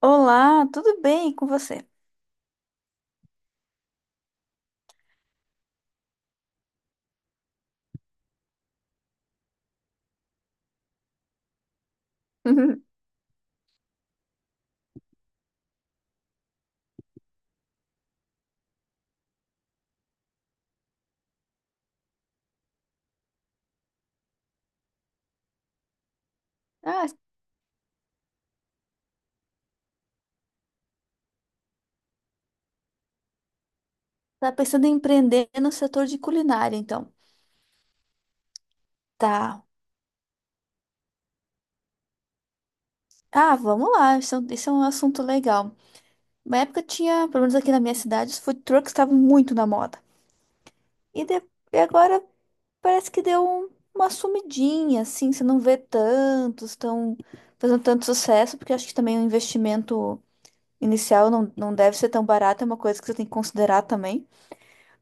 Olá, tudo bem com você? Ah, tá pensando em empreender no setor de culinária, então. Tá. Ah, vamos lá, isso, é um assunto legal. Na época tinha, pelo menos aqui na minha cidade, os food trucks estavam muito na moda. E, de- e agora parece que deu uma sumidinha, assim, você não vê tantos, estão fazendo tanto sucesso, porque acho que também o investimento inicial não deve ser tão barato, é uma coisa que você tem que considerar também.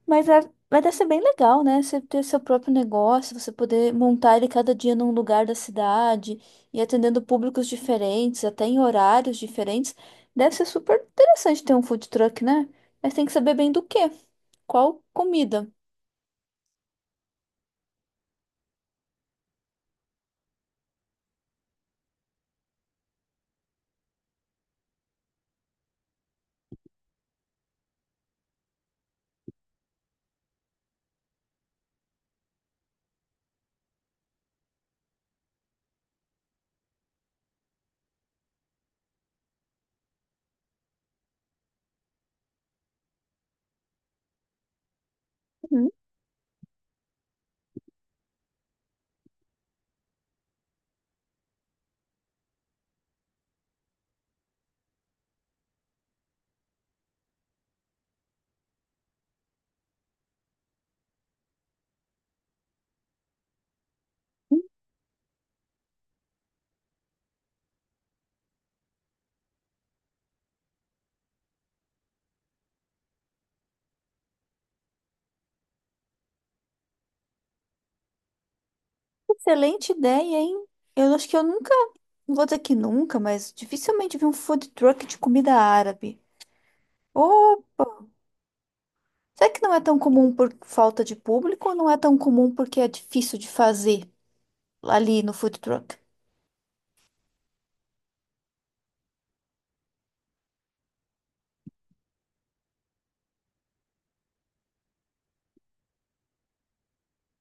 Mas, é, mas deve ser bem legal, né? Você ter seu próprio negócio, você poder montar ele cada dia num lugar da cidade e atendendo públicos diferentes, até em horários diferentes. Deve ser super interessante ter um food truck, né? Mas tem que saber bem do quê? Qual comida? Uhum. Excelente ideia, hein? Eu acho que eu nunca, não vou dizer que nunca, mas dificilmente vi um food truck de comida árabe. Opa! Será que não é tão comum por falta de público ou não é tão comum porque é difícil de fazer ali no food truck?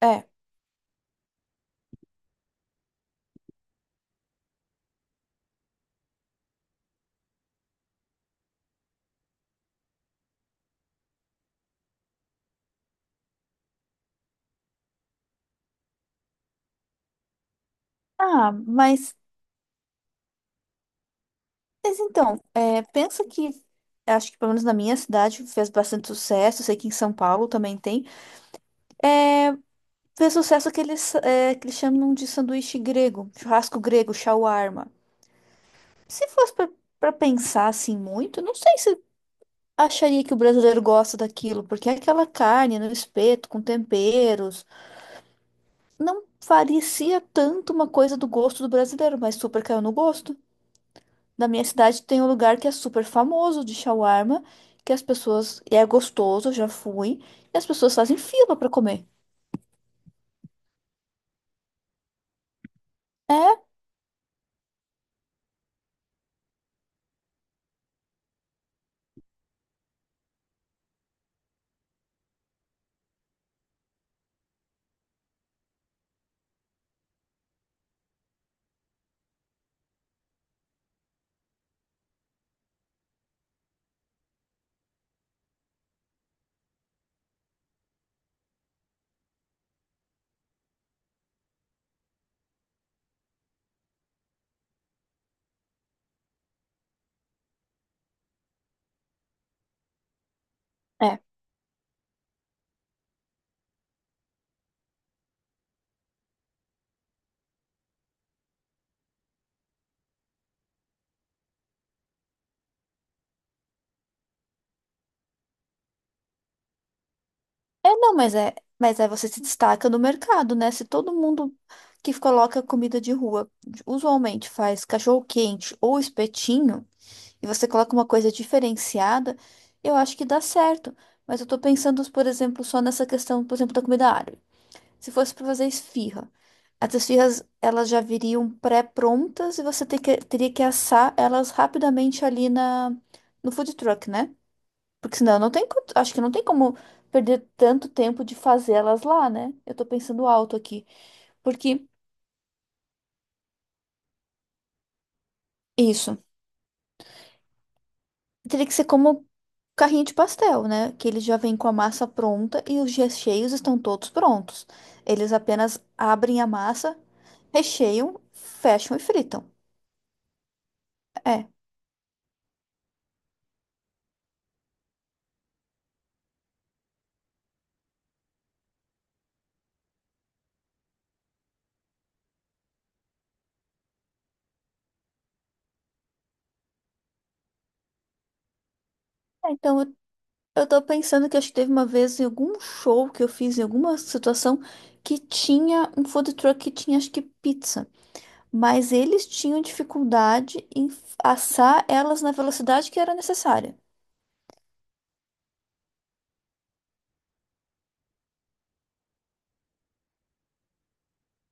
É. Ah, mas então, é, pensa que, acho que pelo menos na minha cidade fez bastante sucesso, sei que em São Paulo também tem, fez sucesso aqueles é, que eles chamam de sanduíche grego, churrasco grego, shawarma. Se fosse pra, pra pensar assim muito, não sei se acharia que o brasileiro gosta daquilo, porque aquela carne no espeto, com temperos, não parecia tanto uma coisa do gosto do brasileiro, mas super caiu no gosto. Na minha cidade tem um lugar que é super famoso de shawarma, que as pessoas. E é gostoso, eu já fui. E as pessoas fazem fila pra comer. É, é. É, não, mas é. Mas aí você se destaca no mercado, né? Se todo mundo que coloca comida de rua usualmente faz cachorro-quente ou espetinho, e você coloca uma coisa diferenciada, eu acho que dá certo. Mas eu tô pensando, por exemplo, só nessa questão, por exemplo, da comida árabe. Se fosse para fazer esfirra, as esfirras elas já viriam pré-prontas e teria que assar elas rapidamente ali no food truck, né? Porque senão não tem, co- acho que não tem como perder tanto tempo de fazer elas lá, né? Eu tô pensando alto aqui, porque isso teria que ser como carrinho de pastel, né? Que ele já vem com a massa pronta e os recheios estão todos prontos. Eles apenas abrem a massa, recheiam, fecham e fritam. É. É. Então, eu tô pensando que acho que teve uma vez em algum show que eu fiz, em alguma situação, que tinha um food truck que tinha, acho que, pizza. Mas eles tinham dificuldade em assar elas na velocidade que era necessária.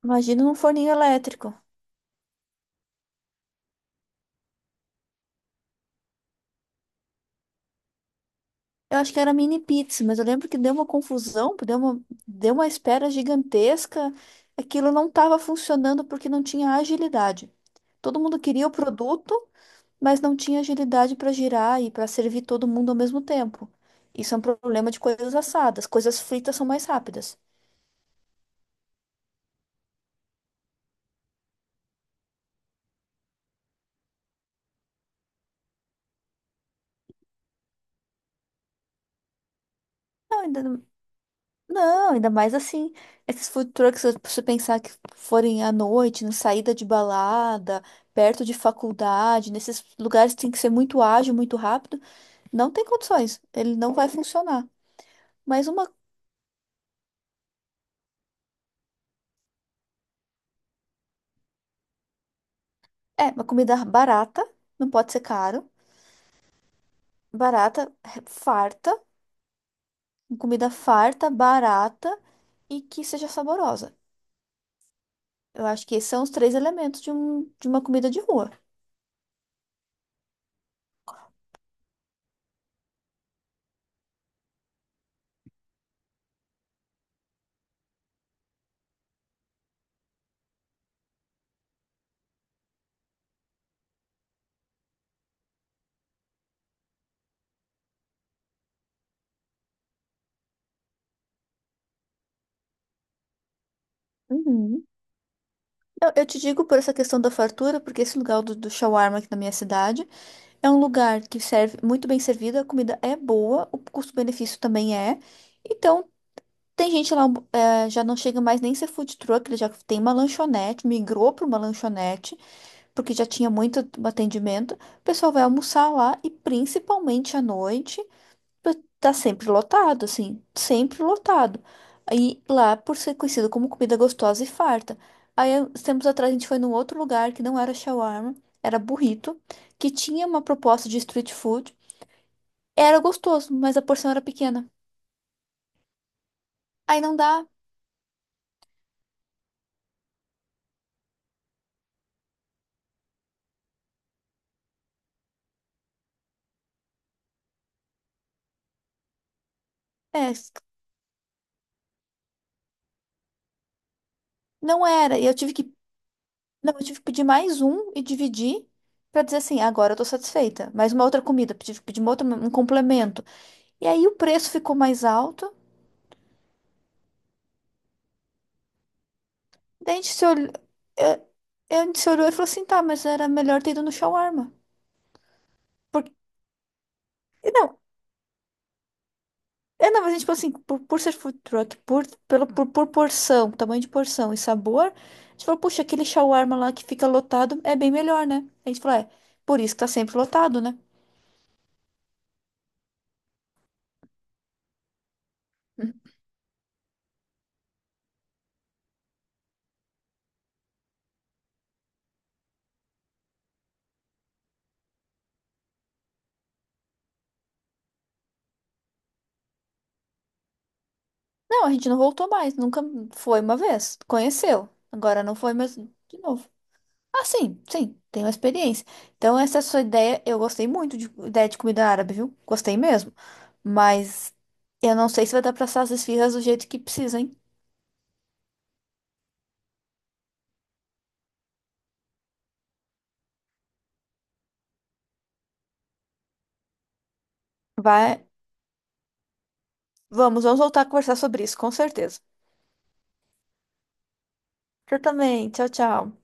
Imagina num forninho elétrico. Eu acho que era mini pizza, mas eu lembro que deu uma confusão, deu uma espera gigantesca. Aquilo não estava funcionando porque não tinha agilidade. Todo mundo queria o produto, mas não tinha agilidade para girar e para servir todo mundo ao mesmo tempo. Isso é um problema de coisas assadas. Coisas fritas são mais rápidas. Não, ainda, não, ainda mais assim. Esses food trucks, se você pensar que forem à noite, na saída de balada, perto de faculdade, nesses lugares que tem que ser muito ágil, muito rápido, não tem condições. Ele não vai funcionar. Mas uma, uma comida barata, não pode ser caro, barata, farta comida farta, barata e que seja saborosa. Eu acho que esses são os três elementos de uma comida de rua. Uhum. Eu te digo por essa questão da fartura, porque esse lugar do shawarma aqui na minha cidade é um lugar que serve muito bem servido, a comida é boa, o custo-benefício também é. Então, tem gente lá, já não chega mais nem ser food truck, ele já tem uma lanchonete, migrou para uma lanchonete, porque já tinha muito atendimento. O pessoal vai almoçar lá e principalmente à noite. Tá sempre lotado, assim, sempre lotado. Aí lá, por ser conhecido como comida gostosa e farta. Aí, uns tempos atrás, a gente foi num outro lugar que não era shawarma, era burrito, que tinha uma proposta de street food. Era gostoso, mas a porção era pequena. Aí não dá, é, não era. E eu tive que, não, eu tive que pedir mais um e dividir pra dizer assim, agora eu tô satisfeita. Mais uma outra comida, tive que pedir uma outra, um complemento. E aí o preço ficou mais alto. Daí a gente se olhou, eu, a gente se olhou e falou assim, tá, mas era melhor ter ido no shawarma. Porque, não, é, não, mas a gente falou assim, por ser food truck, por porção, tamanho de porção e sabor, a gente falou, puxa, aquele shawarma lá que fica lotado é bem melhor, né? A gente falou, é, por isso que tá sempre lotado, né? Uhum. Não, a gente não voltou mais, nunca foi uma vez, conheceu. Agora não foi mais de novo. Ah, sim, sim, tenho experiência. Então, essa sua ideia, eu gostei muito de ideia de comida árabe, viu? Gostei mesmo. Mas eu não sei se vai dar pra assar as esfirras do jeito que precisa, hein? Vai, vamos voltar a conversar sobre isso, com certeza. Eu também. Tchau, tchau.